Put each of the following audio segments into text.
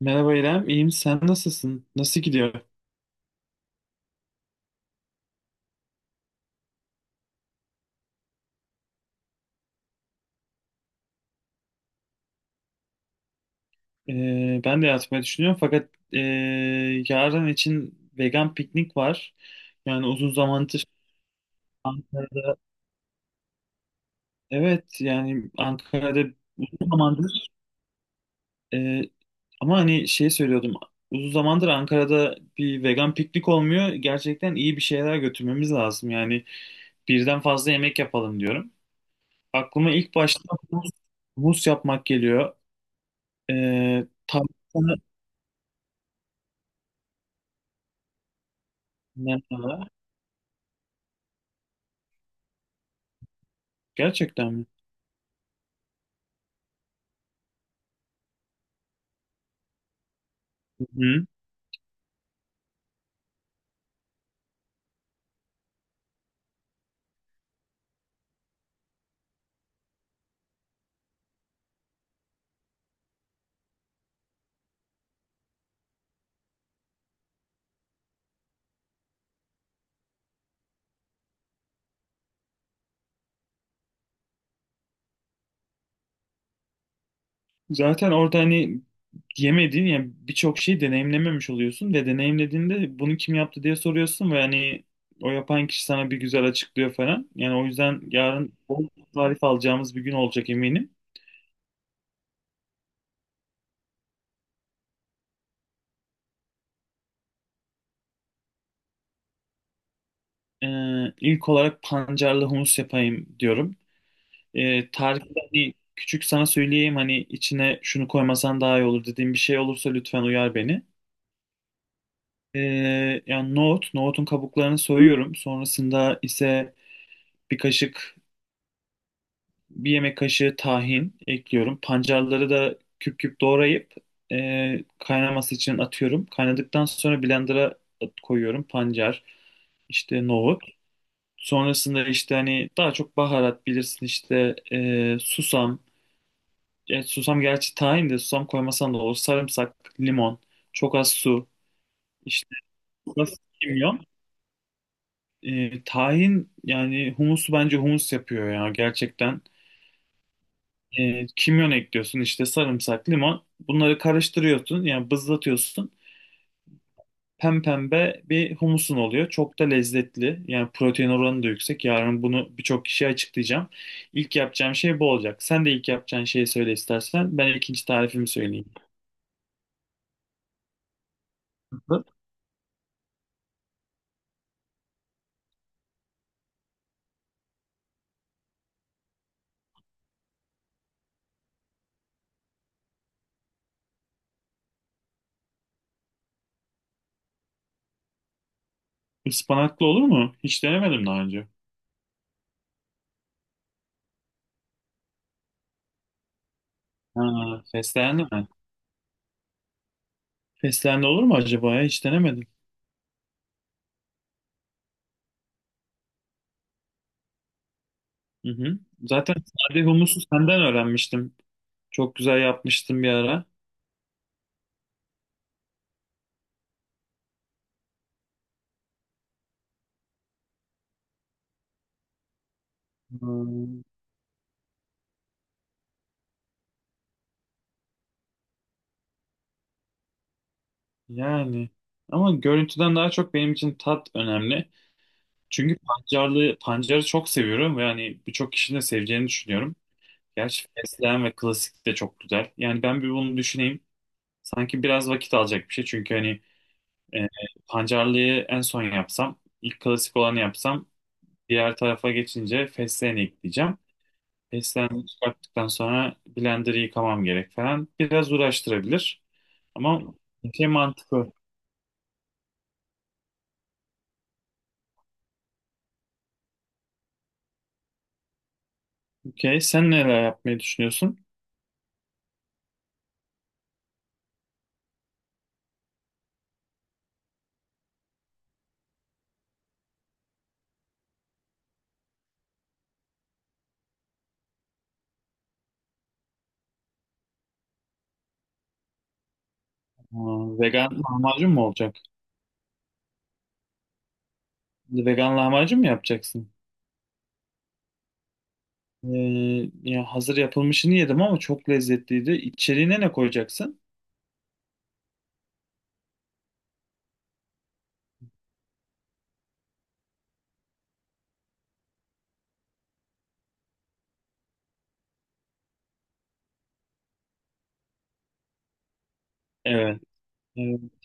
Merhaba İrem, iyiyim. Sen nasılsın? Nasıl gidiyor? Ben de yatmayı düşünüyorum fakat yarın için vegan piknik var. Yani uzun zamandır evet yani Ankara'da uzun zamandır ee, ama hani şey söylüyordum uzun zamandır Ankara'da bir vegan piknik olmuyor. Gerçekten iyi bir şeyler götürmemiz lazım. Yani birden fazla yemek yapalım diyorum. Aklıma ilk başta humus, humus yapmak geliyor. Ee, tavuktan- Gerçekten mi? Hı. Zaten orada hani yemediğin yani birçok şeyi deneyimlememiş oluyorsun ve deneyimlediğinde bunu kim yaptı diye soruyorsun ve hani o yapan kişi sana bir güzel açıklıyor falan. Yani o yüzden yarın bol tarif alacağımız bir gün olacak eminim. İlk olarak pancarlı humus yapayım diyorum. Tarifi de hani küçük sana söyleyeyim, hani içine şunu koymasan daha iyi olur dediğim bir şey olursa lütfen uyar beni. Yani nohut, nohutun kabuklarını soyuyorum. Sonrasında ise bir kaşık, bir yemek kaşığı tahin ekliyorum. Pancarları da küp küp doğrayıp kaynaması için atıyorum. Kaynadıktan sonra blender'a koyuyorum pancar, işte nohut. Sonrasında işte hani daha çok baharat bilirsin işte susam. Susam gerçi, tahin de susam, koymasan da olur. Sarımsak, limon, çok az su, işte biraz kimyon. Tahin yani humusu bence humus yapıyor ya gerçekten. Kimyon ekliyorsun işte, sarımsak, limon. Bunları karıştırıyorsun yani bızlatıyorsun. Pempembe bir humusun oluyor. Çok da lezzetli. Yani protein oranı da yüksek. Yarın bunu birçok kişiye açıklayacağım. İlk yapacağım şey bu olacak. Sen de ilk yapacağın şeyi söyle istersen. Ben ikinci tarifimi söyleyeyim. Ispanaklı olur mu? Hiç denemedim daha önce. Ha, fesleğenli mi? Fesleğenli olur mu acaba ya? Hiç denemedim. Hı hı. Zaten sade humusu senden öğrenmiştim. Çok güzel yapmıştım bir ara. Hmm. Yani ama görüntüden daha çok benim için tat önemli. Çünkü pancarlı, pancarı çok seviyorum ve hani birçok kişinin de seveceğini düşünüyorum. Gerçi fesleğen ve klasik de çok güzel. Yani ben bir bunu düşüneyim. Sanki biraz vakit alacak bir şey. Çünkü hani e, pancarlıyı en son yapsam, ilk klasik olanı yapsam, diğer tarafa geçince fesleğeni ekleyeceğim. Fesleğeni çıkarttıktan sonra blender'ı yıkamam gerek falan. Biraz uğraştırabilir. Ama şey mantıklı. Okey. Sen neler yapmayı düşünüyorsun? Aa, vegan lahmacun mu olacak? Vegan lahmacun mu yapacaksın? Ee, ya hazır yapılmışını yedim ama çok lezzetliydi. İçeriğine ne koyacaksın? Evet. Evet.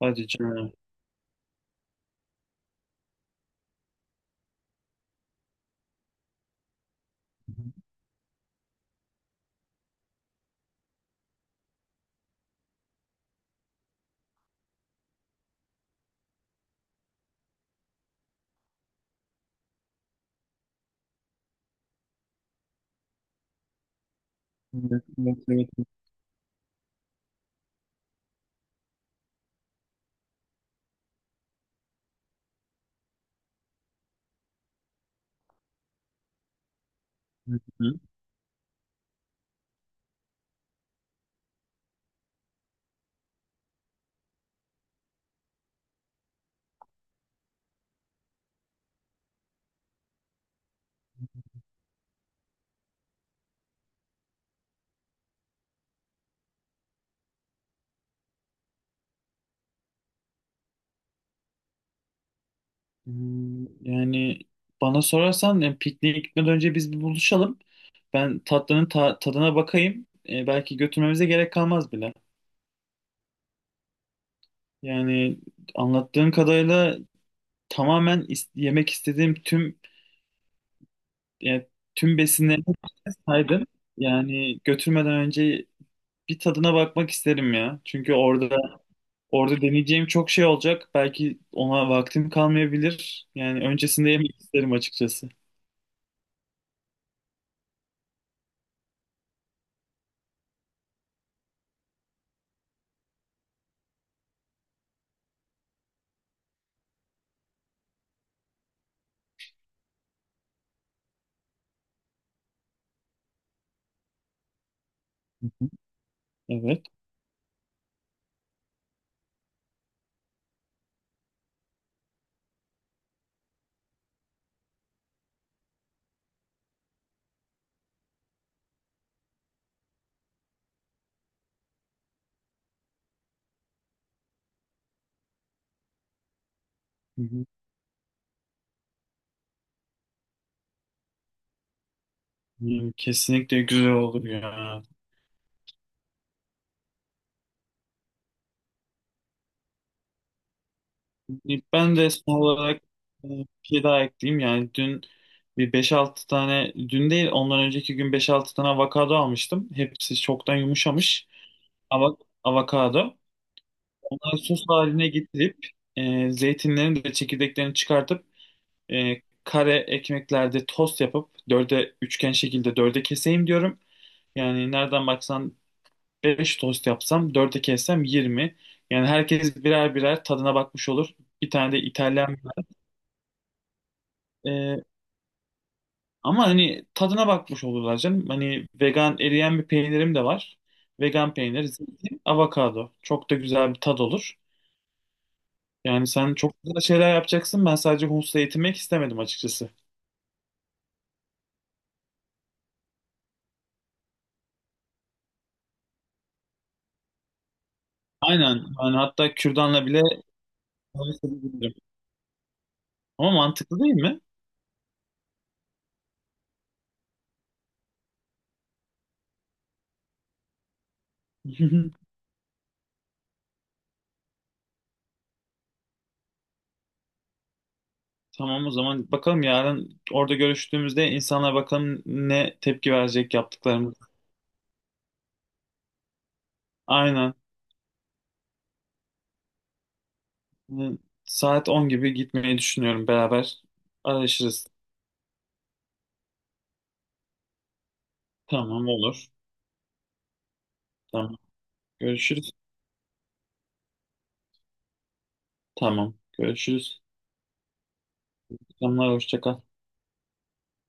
Hadi canım. Evet, evet, evet. Evet. Hı. Yani bana sorarsan, yani pikniğe gitmeden önce biz bir buluşalım. Ben tatlının tadına bakayım. Belki götürmemize gerek kalmaz bile. Yani anlattığın kadarıyla tamamen yemek istediğim tüm, yani tüm besinlerini saydım. Yani götürmeden önce bir tadına bakmak isterim ya. Çünkü orada deneyeceğim çok şey olacak. Belki ona vaktim kalmayabilir. Yani öncesinde yemek isterim açıkçası. Hı hı. Evet. Hı hı. Yani kesinlikle güzel olur ya. Ben de son olarak bir şey daha ekleyeyim. Yani dün bir beş altı tane, dün değil ondan önceki gün beş altı tane avokado almıştım. Hepsi çoktan yumuşamış. Ava- avokado. Onları sos haline getirip zeytinlerin de çekirdeklerini çıkartıp e, kare ekmeklerde tost yapıp dörde, üçgen şekilde dörde keseyim diyorum. Yani nereden baksan 5 tost yapsam, dörde kessem 20. Yani herkes birer birer tadına bakmış olur. Bir tane de İtalyan, e, ama hani tadına bakmış olurlar canım. Hani vegan eriyen bir peynirim de var. Vegan peynir, zeytin, avokado. Çok da güzel bir tad olur. Yani sen çok güzel şeyler yapacaksın. Ben sadece Humus'la yetinmek istemedim açıkçası. Aynen. Yani hatta kürdanla bile savaşabilirim. Ama mantıklı değil mi? Tamam, o zaman bakalım yarın orada görüştüğümüzde insanlar bakalım ne tepki verecek yaptıklarımız. Aynen. Hı, saat 10 gibi gitmeyi düşünüyorum. Beraber araşırız. Tamam, olur. Tamam. Görüşürüz. Tamam. Görüşürüz. Tamamlar, hoşça kal.